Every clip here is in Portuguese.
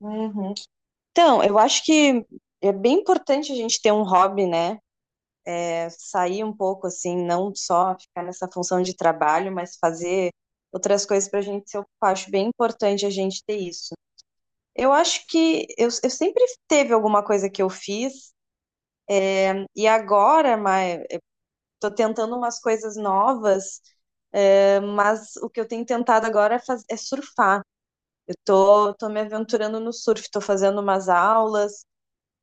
Uhum. Então, eu acho que é bem importante a gente ter um hobby, né? É, sair um pouco assim, não só ficar nessa função de trabalho, mas fazer outras coisas para a gente se ocupar. Acho bem importante a gente ter isso. Eu acho que eu sempre teve alguma coisa que eu fiz e agora, mas tô tentando umas coisas novas, é, mas o que eu tenho tentado agora é surfar. Eu tô me aventurando no surf, tô fazendo umas aulas.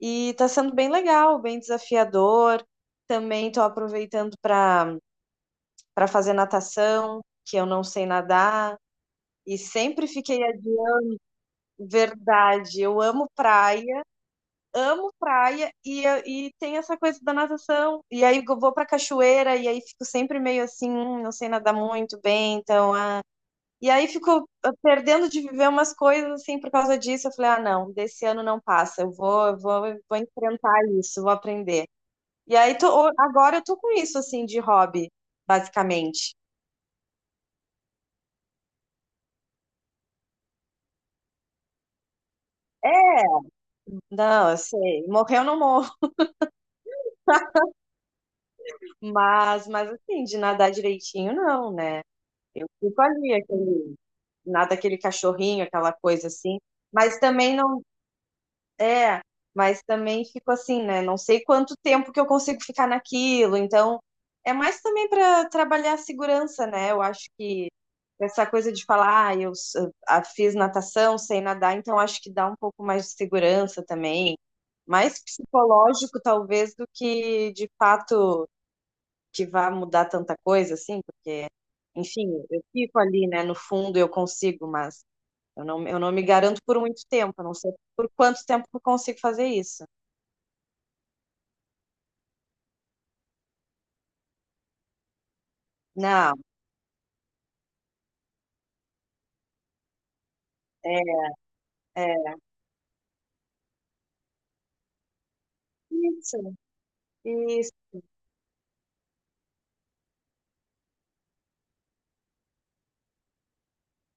E tá sendo bem legal, bem desafiador. Também tô aproveitando para fazer natação, que eu não sei nadar. E sempre fiquei a dia, verdade, eu amo praia e, e tem essa coisa da natação. E aí eu vou pra cachoeira e aí fico sempre meio assim, não sei nadar muito bem, então, ah. E aí fico ah, perdendo de viver umas coisas assim por causa disso. Eu falei, ah, não, desse ano não passa, eu vou enfrentar isso, vou aprender. E aí, agora eu tô com isso, assim, de hobby, basicamente. É, não, eu sei, morrer eu não morro, mas assim, de nadar direitinho, não, né? Eu fico ali, aquele, nada aquele cachorrinho, aquela coisa assim, mas também não é, mas também fico assim, né? Não sei quanto tempo que eu consigo ficar naquilo. Então, é mais também para trabalhar a segurança, né? Eu acho que essa coisa de falar, ah, ah, fiz natação, sei nadar, então acho que dá um pouco mais de segurança também. Mais psicológico, talvez, do que de fato que vá mudar tanta coisa, assim, porque, enfim, eu fico ali, né? No fundo eu consigo, mas. Eu não me garanto por muito tempo, eu não sei por quanto tempo eu consigo fazer isso. Não, é, é. Isso, isso.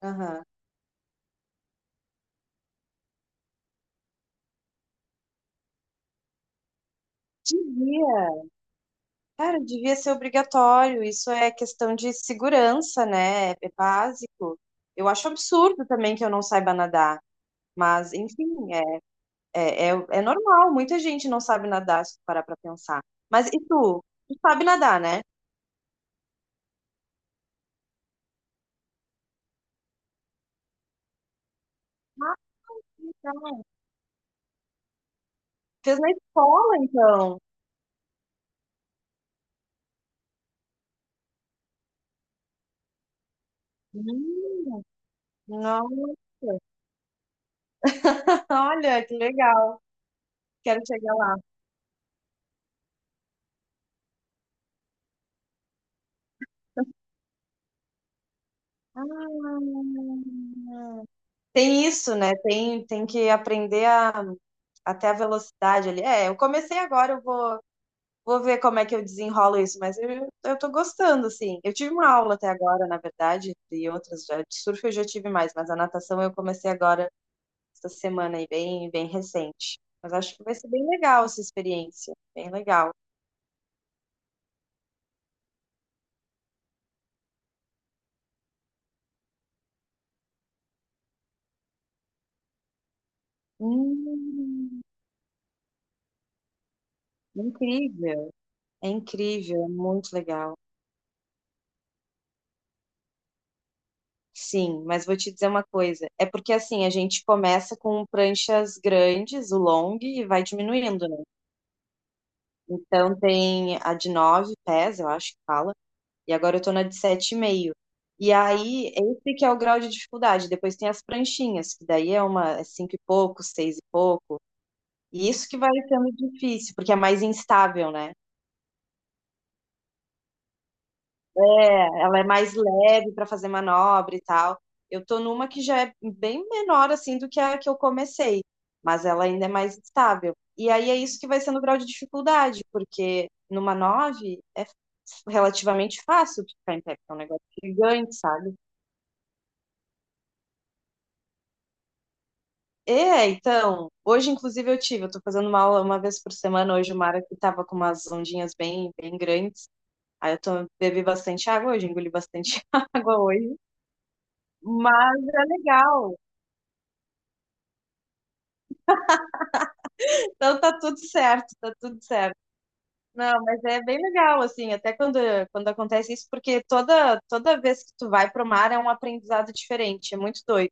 Aham. Devia, cara, devia ser obrigatório. Isso é questão de segurança, né? É é básico. Eu acho absurdo também que eu não saiba nadar. Mas, enfim, é, é, é normal. Muita gente não sabe nadar, se tu parar pra pensar. Mas e tu? Tu sabe nadar, né? Ah, então. Fez na escola, então. Hum, nossa. Olha, que legal. Quero chegar lá. Ah, tem isso, né? Tem, tem que aprender a, até a velocidade ali. É, eu comecei agora, eu vou, vou ver como é que eu desenrolo isso, mas eu tô gostando, assim. Eu tive uma aula até agora, na verdade, e outras, de surf eu já tive mais, mas a natação eu comecei agora, essa semana aí, bem, bem recente. Mas acho que vai ser bem legal essa experiência, bem legal. Hum, incrível. É incrível, é muito legal. Sim, mas vou te dizer uma coisa. É porque assim, a gente começa com pranchas grandes, o long, e vai diminuindo, né? Então tem a de 9 pés, eu acho que fala, e agora eu tô na de 7,5. E meio. E aí, esse que é o grau de dificuldade. Depois tem as pranchinhas, que daí é uma é cinco e pouco, seis e pouco. E isso que vai sendo difícil, porque é mais instável, né? É, ela é mais leve para fazer manobra e tal. Eu tô numa que já é bem menor assim do que a que eu comecei, mas ela ainda é mais estável. E aí é isso que vai sendo o grau de dificuldade, porque numa 9 é relativamente fácil de ficar em pé, porque é um negócio gigante, sabe? É, então, hoje inclusive eu tive, eu tô fazendo uma aula uma vez por semana hoje, o mar aqui tava com umas ondinhas bem, bem grandes. Aí eu tô, bebi bastante água hoje, engoli bastante água hoje. Mas é legal. Então tá tudo certo, tá tudo certo. Não, mas é bem legal, assim, até quando, quando acontece isso, porque toda vez que tu vai pro mar é um aprendizado diferente, é muito doido,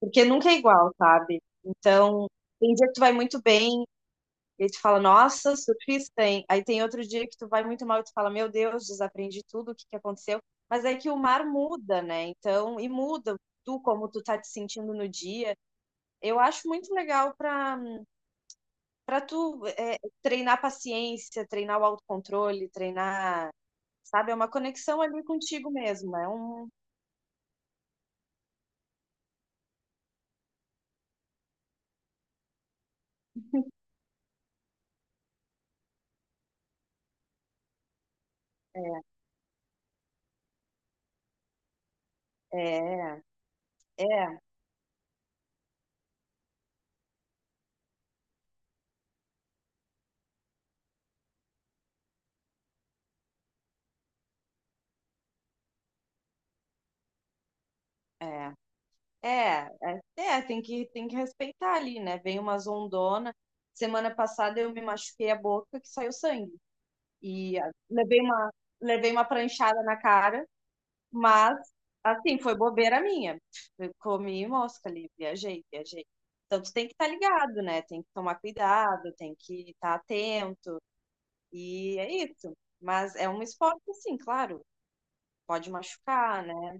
porque nunca é igual, sabe? Então, tem dia que tu vai muito bem, e aí tu fala, nossa, surfista, hein? Aí tem outro dia que tu vai muito mal e tu fala, meu Deus, desaprendi tudo, o que que aconteceu? Mas é que o mar muda, né? Então, e muda tu, como tu tá te sentindo no dia. Eu acho muito legal para tu é, treinar paciência, treinar o autocontrole, treinar, sabe, é uma conexão ali contigo mesmo, é um é é é é, tem que respeitar ali, né? Vem umas ondona. Semana passada eu me machuquei a boca que saiu sangue e ah, levei uma pranchada na cara. Mas, assim, foi bobeira minha. Eu comi mosca ali, viajei, viajei. Então, tu tem que estar ligado, né? Tem que tomar cuidado, tem que estar atento. E é isso. Mas é um esporte, assim, claro. Pode machucar, né?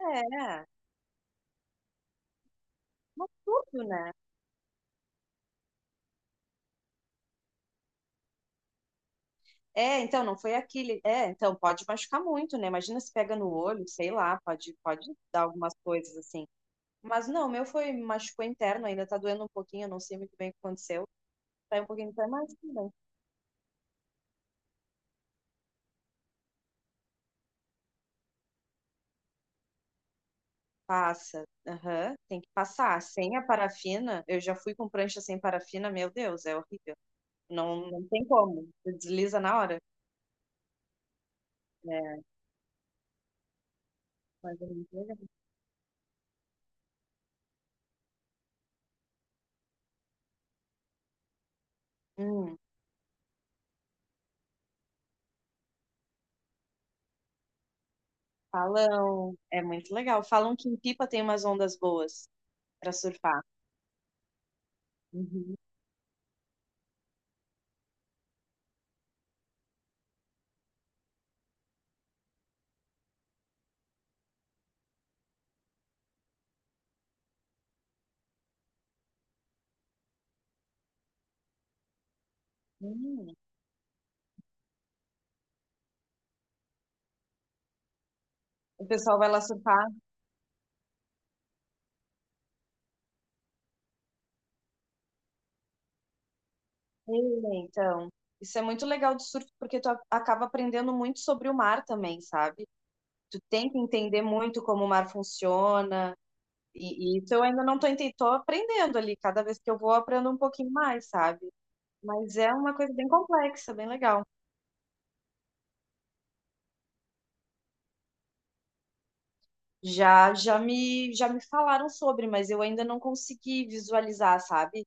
É, mas tudo, né? É, então, não foi aquele. É, então, pode machucar muito, né? Imagina se pega no olho, sei lá, pode dar algumas coisas assim. Mas não, o meu foi, machucou interno, ainda tá doendo um pouquinho, eu não sei muito bem o que aconteceu. Tá um pouquinho, tá mais. Passa. Aham. Tem que passar. Sem a parafina, eu já fui com prancha sem parafina, meu Deus, é horrível. Não, não tem como. Desliza na hora. É, mas é muito legal. Hum, falam. É muito legal. Falam que em Pipa tem umas ondas boas para surfar. Uhum. Hum, o pessoal vai lá surfar. É, então, isso é muito legal de surf porque tu acaba aprendendo muito sobre o mar também, sabe? Tu tem que entender muito como o mar funciona. E isso eu ainda não tô entendendo, tô aprendendo ali, cada vez que eu vou eu aprendo um pouquinho mais, sabe? Mas é uma coisa bem complexa, bem legal. Já me falaram sobre, mas eu ainda não consegui visualizar, sabe?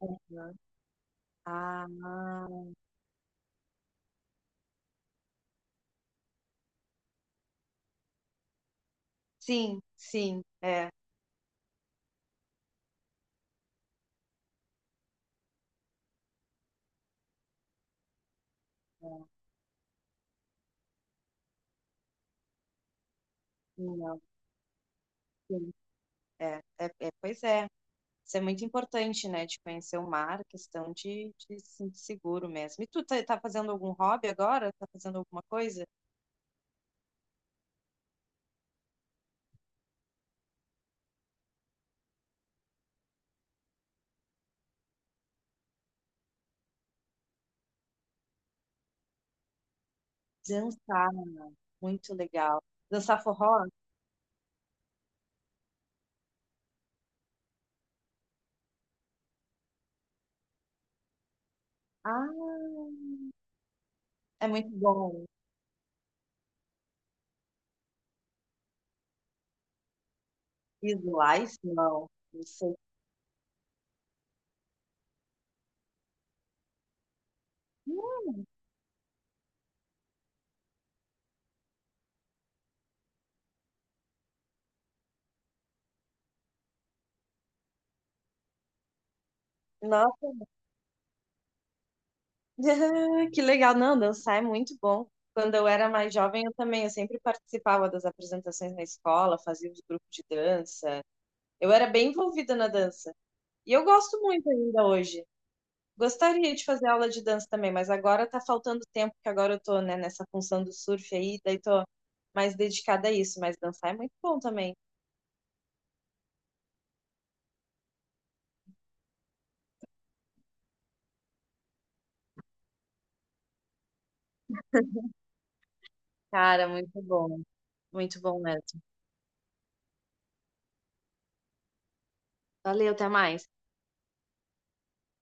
Uhum. Ah, sim, sim, é, é. Não, sim, é, é, é, pois é. Isso é muito importante, né? De conhecer o mar, questão de se sentir seguro mesmo. E tu tá, tá fazendo algum hobby agora? Tá fazendo alguma coisa? Dançar. Muito legal. Dançar forró? Ah, é muito bom. Slice? Não, não sei. Nossa, que legal. Não, dançar é muito bom. Quando eu era mais jovem, eu também, eu sempre participava das apresentações na escola, fazia os grupos de dança. Eu era bem envolvida na dança. E eu gosto muito ainda hoje. Gostaria de fazer aula de dança também, mas agora tá faltando tempo, porque agora eu tô, né, nessa função do surf aí, daí tô mais dedicada a isso, mas dançar é muito bom também. Cara, muito bom. Muito bom mesmo. Valeu, até mais.